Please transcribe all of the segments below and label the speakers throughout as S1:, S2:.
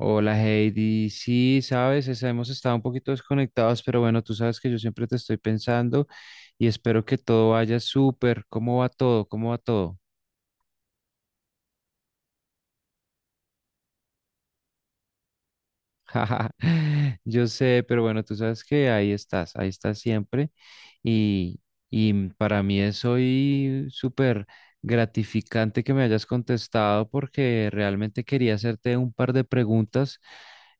S1: Hola Heidi, sí, sabes, hemos estado un poquito desconectados, pero bueno, tú sabes que yo siempre te estoy pensando y espero que todo vaya súper. ¿Cómo va todo? ¿Cómo va todo? Jaja, yo sé, pero bueno, tú sabes que ahí estás siempre y, y para mí es hoy súper gratificante que me hayas contestado porque realmente quería hacerte un par de preguntas,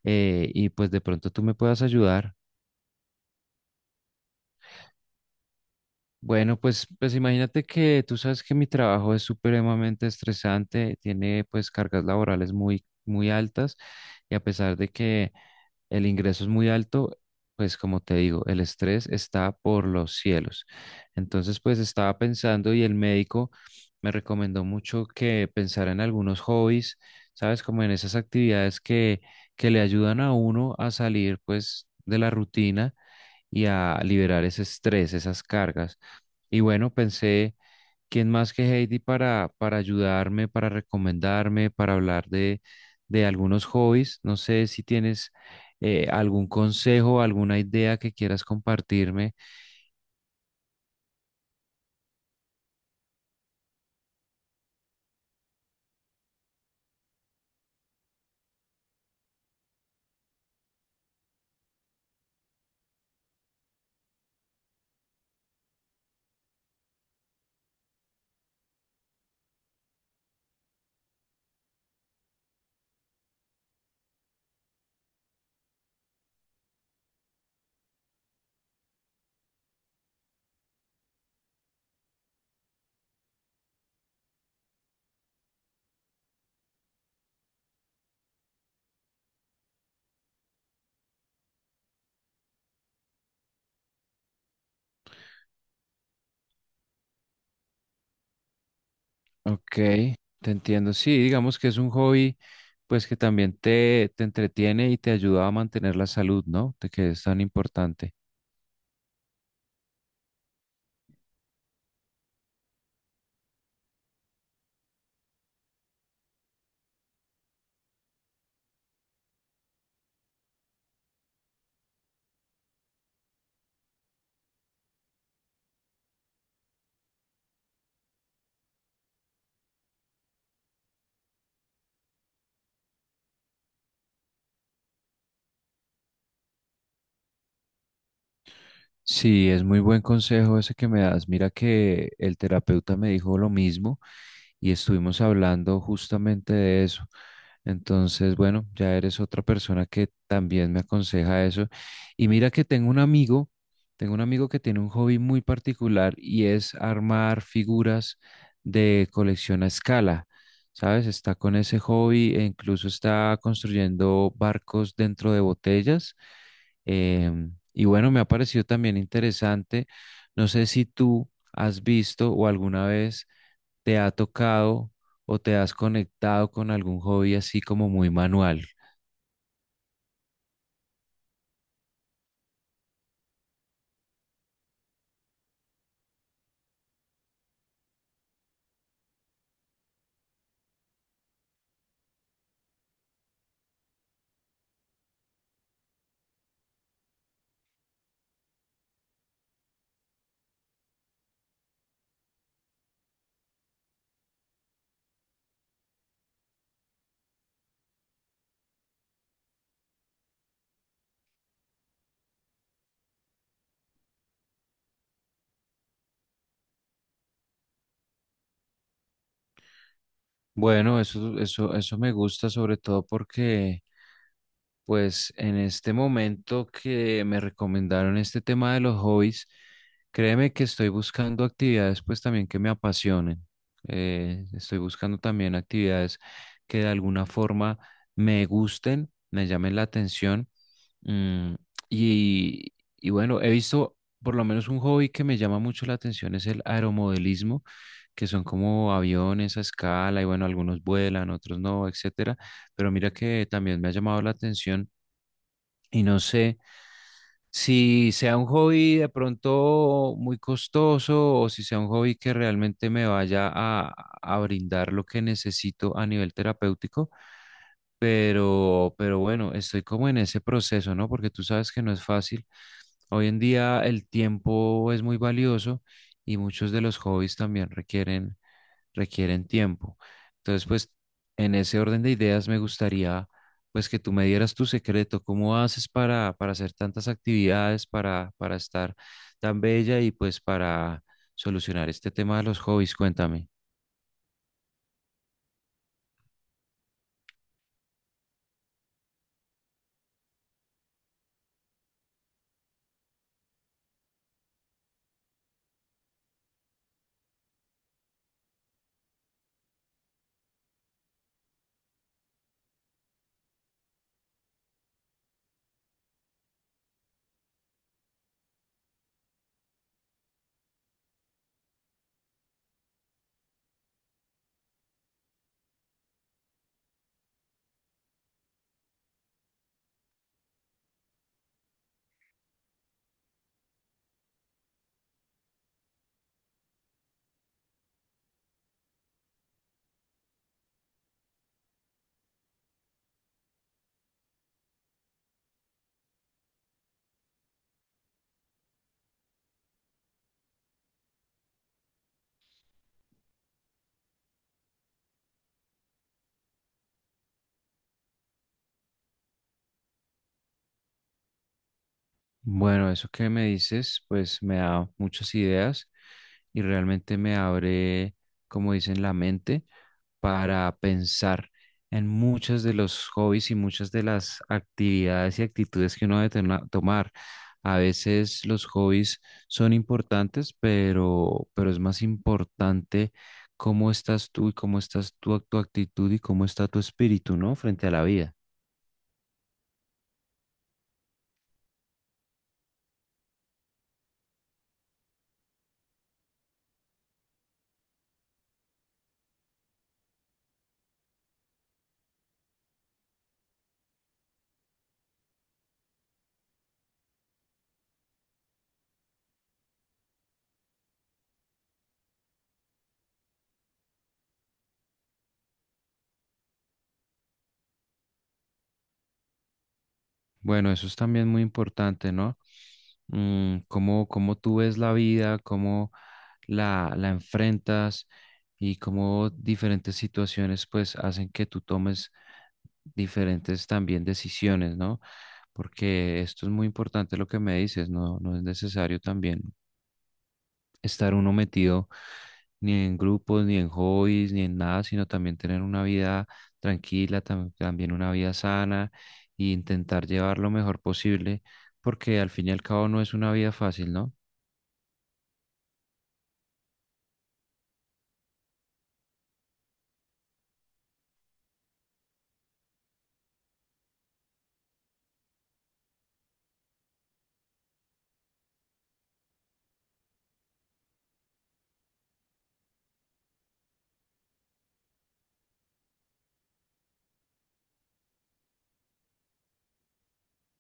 S1: y pues de pronto tú me puedas ayudar. Bueno, pues imagínate que tú sabes que mi trabajo es supremamente estresante, tiene pues cargas laborales muy, muy altas, y a pesar de que el ingreso es muy alto, pues como te digo, el estrés está por los cielos. Entonces, pues estaba pensando y el médico me recomendó mucho que pensara en algunos hobbies, sabes, como en esas actividades que le ayudan a uno a salir pues de la rutina y a liberar ese estrés, esas cargas. Y bueno, pensé, ¿quién más que Heidi para ayudarme, para recomendarme, para hablar de algunos hobbies? No sé si tienes algún consejo, alguna idea que quieras compartirme. Ok, te entiendo. Sí, digamos que es un hobby, pues que también te entretiene y te ayuda a mantener la salud, ¿no? De que es tan importante. Sí, es muy buen consejo ese que me das. Mira que el terapeuta me dijo lo mismo y estuvimos hablando justamente de eso. Entonces, bueno, ya eres otra persona que también me aconseja eso. Y mira que tengo un amigo que tiene un hobby muy particular y es armar figuras de colección a escala. ¿Sabes? Está con ese hobby e incluso está construyendo barcos dentro de botellas. Y bueno, me ha parecido también interesante. No sé si tú has visto o alguna vez te ha tocado o te has conectado con algún hobby así como muy manual. Bueno, eso me gusta sobre todo porque pues en este momento que me recomendaron este tema de los hobbies, créeme que estoy buscando actividades pues también que me apasionen. Estoy buscando también actividades que de alguna forma me gusten, me llamen la atención. mm, y bueno, he visto por lo menos un hobby que me llama mucho la atención es el aeromodelismo, que son como aviones a escala y bueno, algunos vuelan, otros no, etcétera. Pero mira que también me ha llamado la atención y no sé si sea un hobby de pronto muy costoso o si sea un hobby que realmente me vaya a brindar lo que necesito a nivel terapéutico, pero bueno, estoy como en ese proceso, ¿no? Porque tú sabes que no es fácil. Hoy en día el tiempo es muy valioso y muchos de los hobbies también requieren tiempo. Entonces, pues en ese orden de ideas me gustaría pues que tú me dieras tu secreto, cómo haces para hacer tantas actividades, para estar tan bella y pues para solucionar este tema de los hobbies, cuéntame. Bueno, eso que me dices, pues me da muchas ideas y realmente me abre, como dicen, la mente para pensar en muchos de los hobbies y muchas de las actividades y actitudes que uno debe tomar. A veces los hobbies son importantes, pero es más importante cómo estás tú y cómo estás tú, tu actitud y cómo está tu espíritu, ¿no? Frente a la vida. Bueno, eso es también muy importante, ¿no? Mm, cómo tú ves la vida, cómo la enfrentas y cómo diferentes situaciones pues hacen que tú tomes diferentes también decisiones, ¿no? Porque esto es muy importante lo que me dices, ¿no? No es necesario también estar uno metido ni en grupos, ni en hobbies, ni en nada, sino también tener una vida tranquila, también una vida sana e intentar llevar lo mejor posible, porque al fin y al cabo no es una vida fácil, ¿no?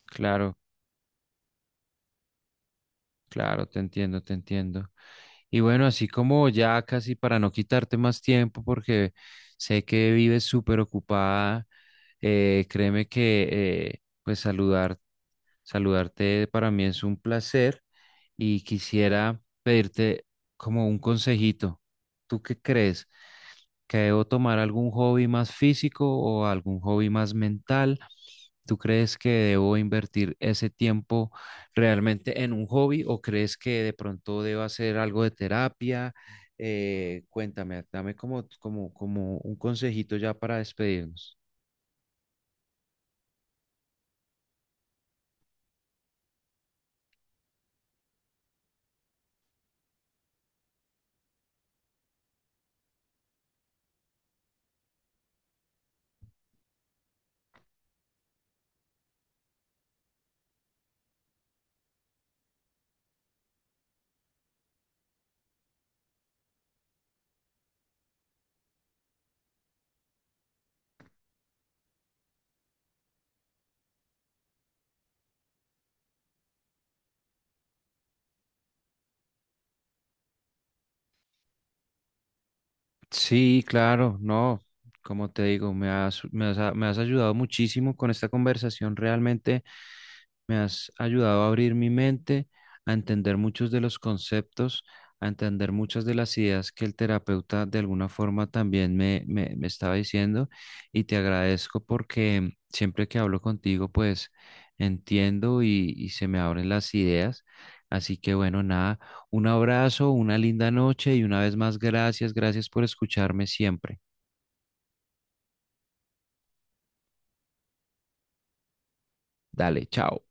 S1: Claro, claro, te entiendo, te entiendo. Y bueno, así como ya casi para no quitarte más tiempo, porque sé que vives súper ocupada, créeme que... pues saludarte para mí es un placer y quisiera pedirte como un consejito. ¿Tú qué crees? ¿Que debo tomar algún hobby más físico o algún hobby más mental? ¿Tú crees que debo invertir ese tiempo realmente en un hobby o crees que de pronto debo hacer algo de terapia? Cuéntame, dame como un consejito ya para despedirnos. Sí, claro, no, como te digo, me has ayudado muchísimo con esta conversación, realmente me has ayudado a abrir mi mente, a entender muchos de los conceptos, a entender muchas de las ideas que el terapeuta de alguna forma también me estaba diciendo y te agradezco porque siempre que hablo contigo, pues entiendo y se me abren las ideas, así que bueno, nada. Un abrazo, una linda noche y una vez más gracias, gracias por escucharme siempre. Dale, chao.